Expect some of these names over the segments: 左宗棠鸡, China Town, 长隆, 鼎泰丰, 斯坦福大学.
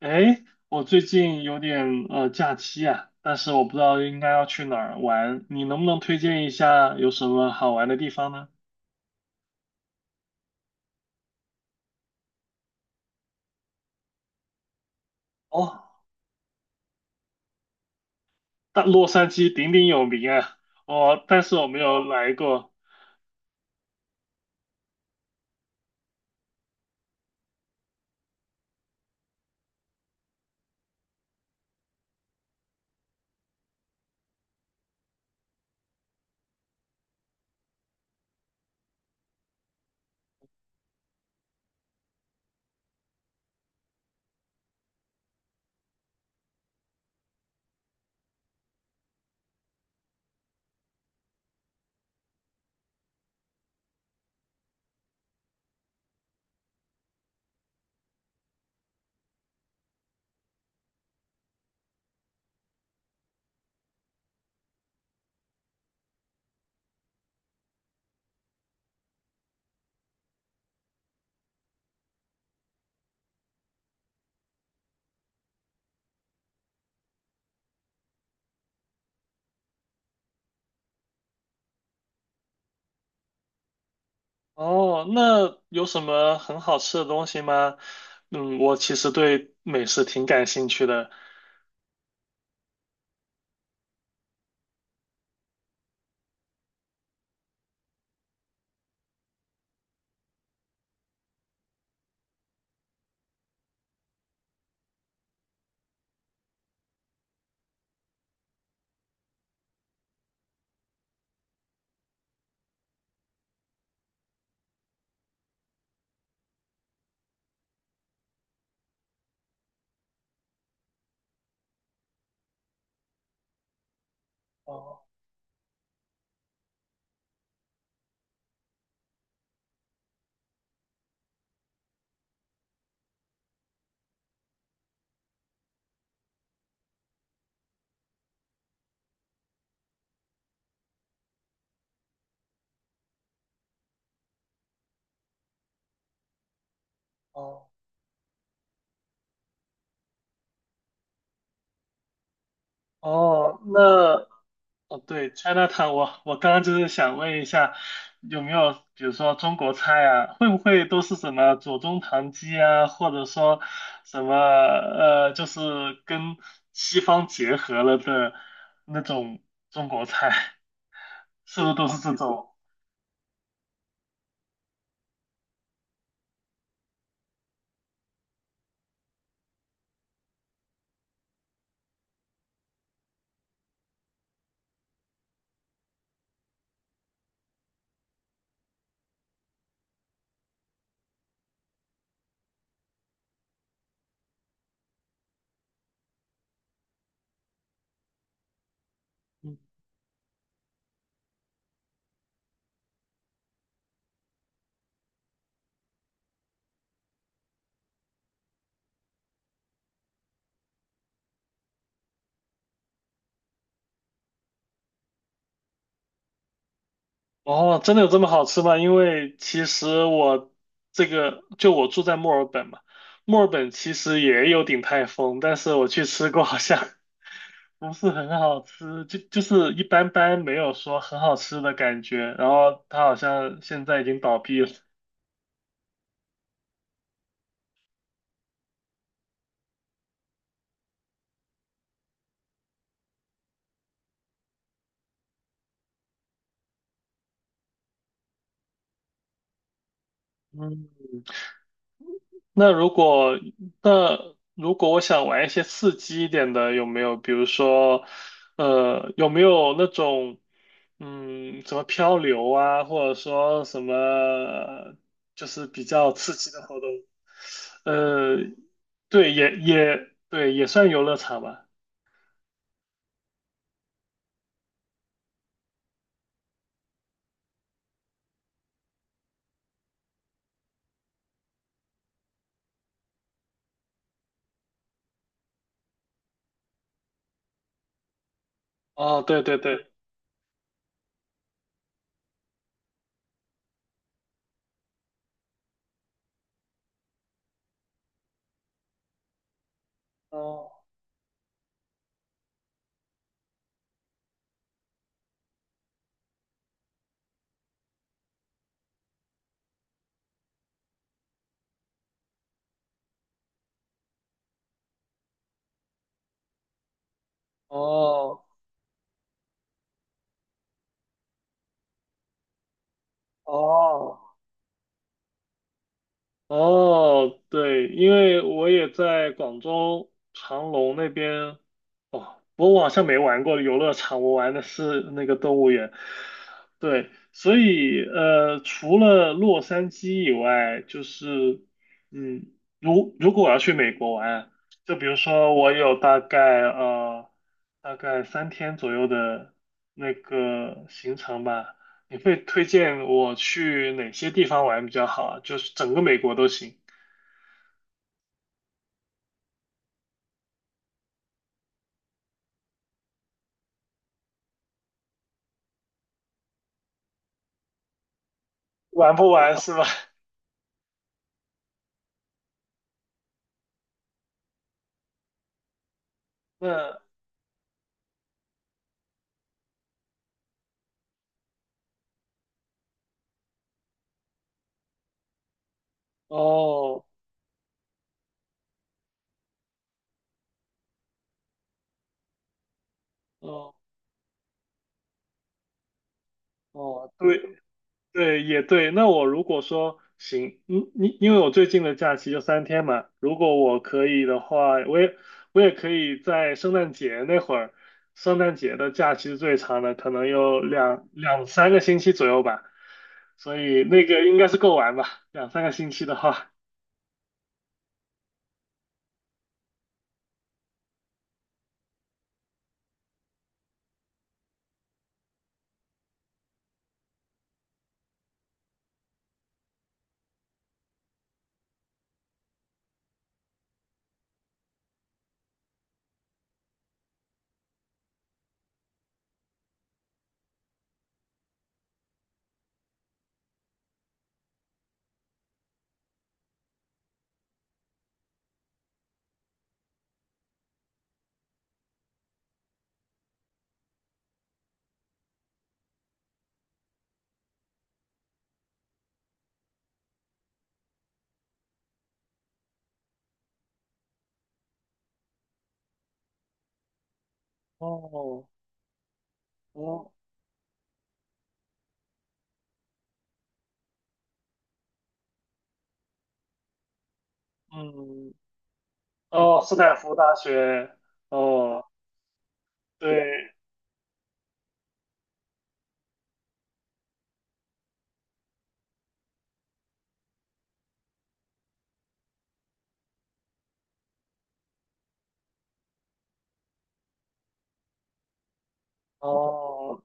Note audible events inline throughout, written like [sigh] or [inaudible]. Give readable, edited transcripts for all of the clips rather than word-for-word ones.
哎，我最近有点假期啊，但是我不知道应该要去哪儿玩，你能不能推荐一下有什么好玩的地方呢？哦，但洛杉矶鼎鼎有名啊。哦，但是我没有来过。哦，那有什么很好吃的东西吗？嗯，我其实对美食挺感兴趣的。哦哦哦，那，哦，对，China Town，我刚刚就是想问一下，有没有比如说中国菜啊，会不会都是什么左宗棠鸡啊，或者说什么就是跟西方结合了的那种中国菜，是不是都啊是这种？[laughs] 嗯。哦，真的有这么好吃吗？因为其实我这个就我住在墨尔本嘛，墨尔本其实也有鼎泰丰，但是我去吃过，好像。不是很好吃，就是一般般，没有说很好吃的感觉。然后它好像现在已经倒闭了。嗯，那如果那如果我想玩一些刺激一点的，有没有？比如说，有没有那种什么漂流啊，或者说什么就是比较刺激的活动？呃，对，也对，也算游乐场吧。哦，对对对。哦哦哦，哦，对，因为我也在广州长隆那边。哦，我好像没玩过游乐场，我玩的是那个动物园。对，所以除了洛杉矶以外，就是嗯，如果我要去美国玩，就比如说我有大概三天左右的那个行程吧。你会推荐我去哪些地方玩比较好啊？就是整个美国都行。玩不玩是吧？[laughs] 那。哦哦哦，对对也对。那我如果说行，因为我最近的假期就三天嘛，如果我可以的话，我也可以在圣诞节那会儿，圣诞节的假期是最长的，可能有两三个星期左右吧，所以那个应该是够玩吧，两三个星期的话。哦哦。嗯。哦，斯坦福大学。哦，对。哦，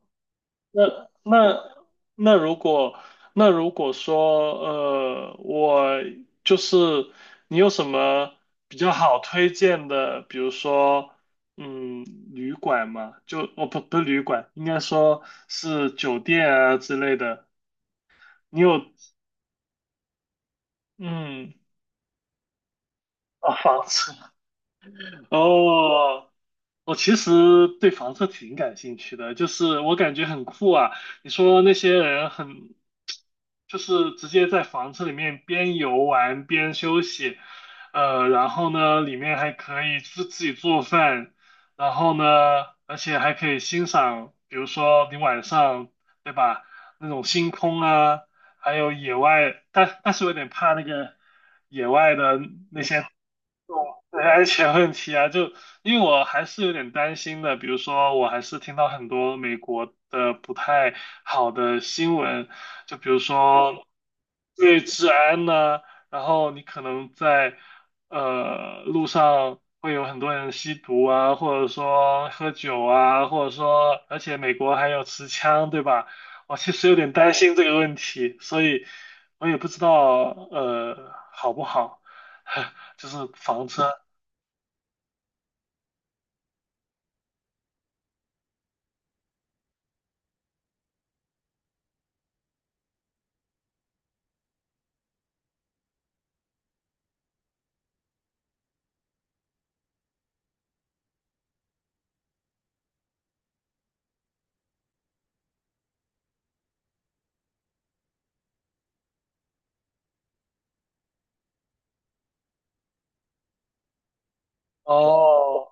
那那那如果那如果说，我就是你有什么比较好推荐的，比如说，嗯，旅馆嘛，就不是旅馆，应该说是酒店啊之类的，你有嗯啊房子。 [laughs] 哦。我其实对房车挺感兴趣的，就是我感觉很酷啊。你说那些人很，就是直接在房车里面边游玩边休息，然后呢，里面还可以自己做饭，然后呢，而且还可以欣赏，比如说你晚上，对吧，那种星空啊，还有野外，但是我有点怕那个野外的那些。对安全问题啊，就因为我还是有点担心的，比如说我还是听到很多美国的不太好的新闻，就比如说对治安呐、然后你可能在路上会有很多人吸毒啊，或者说喝酒啊，或者说而且美国还有持枪，对吧？我其实有点担心这个问题，所以我也不知道好不好。[laughs] 就是房车。哦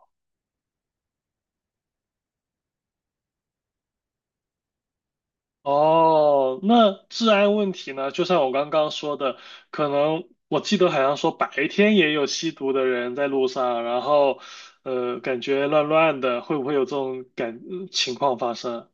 哦，那治安问题呢？就像我刚刚说的，可能我记得好像说白天也有吸毒的人在路上，然后感觉乱乱的，会不会有这种情况发生啊？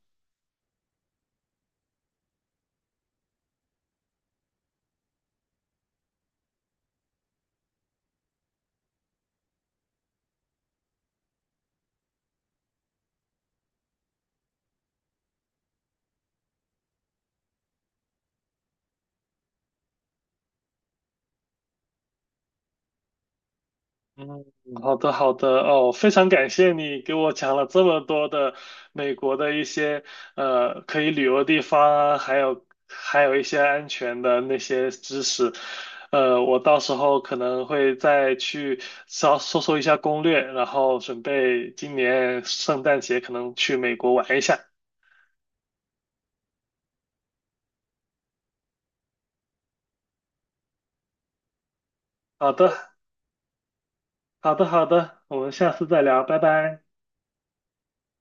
嗯，好的好的哦，非常感谢你给我讲了这么多的美国的一些可以旅游的地方啊，还有一些安全的那些知识，我到时候可能会再去稍搜索一下攻略，然后准备今年圣诞节可能去美国玩一下。好的好的好的，我们下次再聊，拜拜。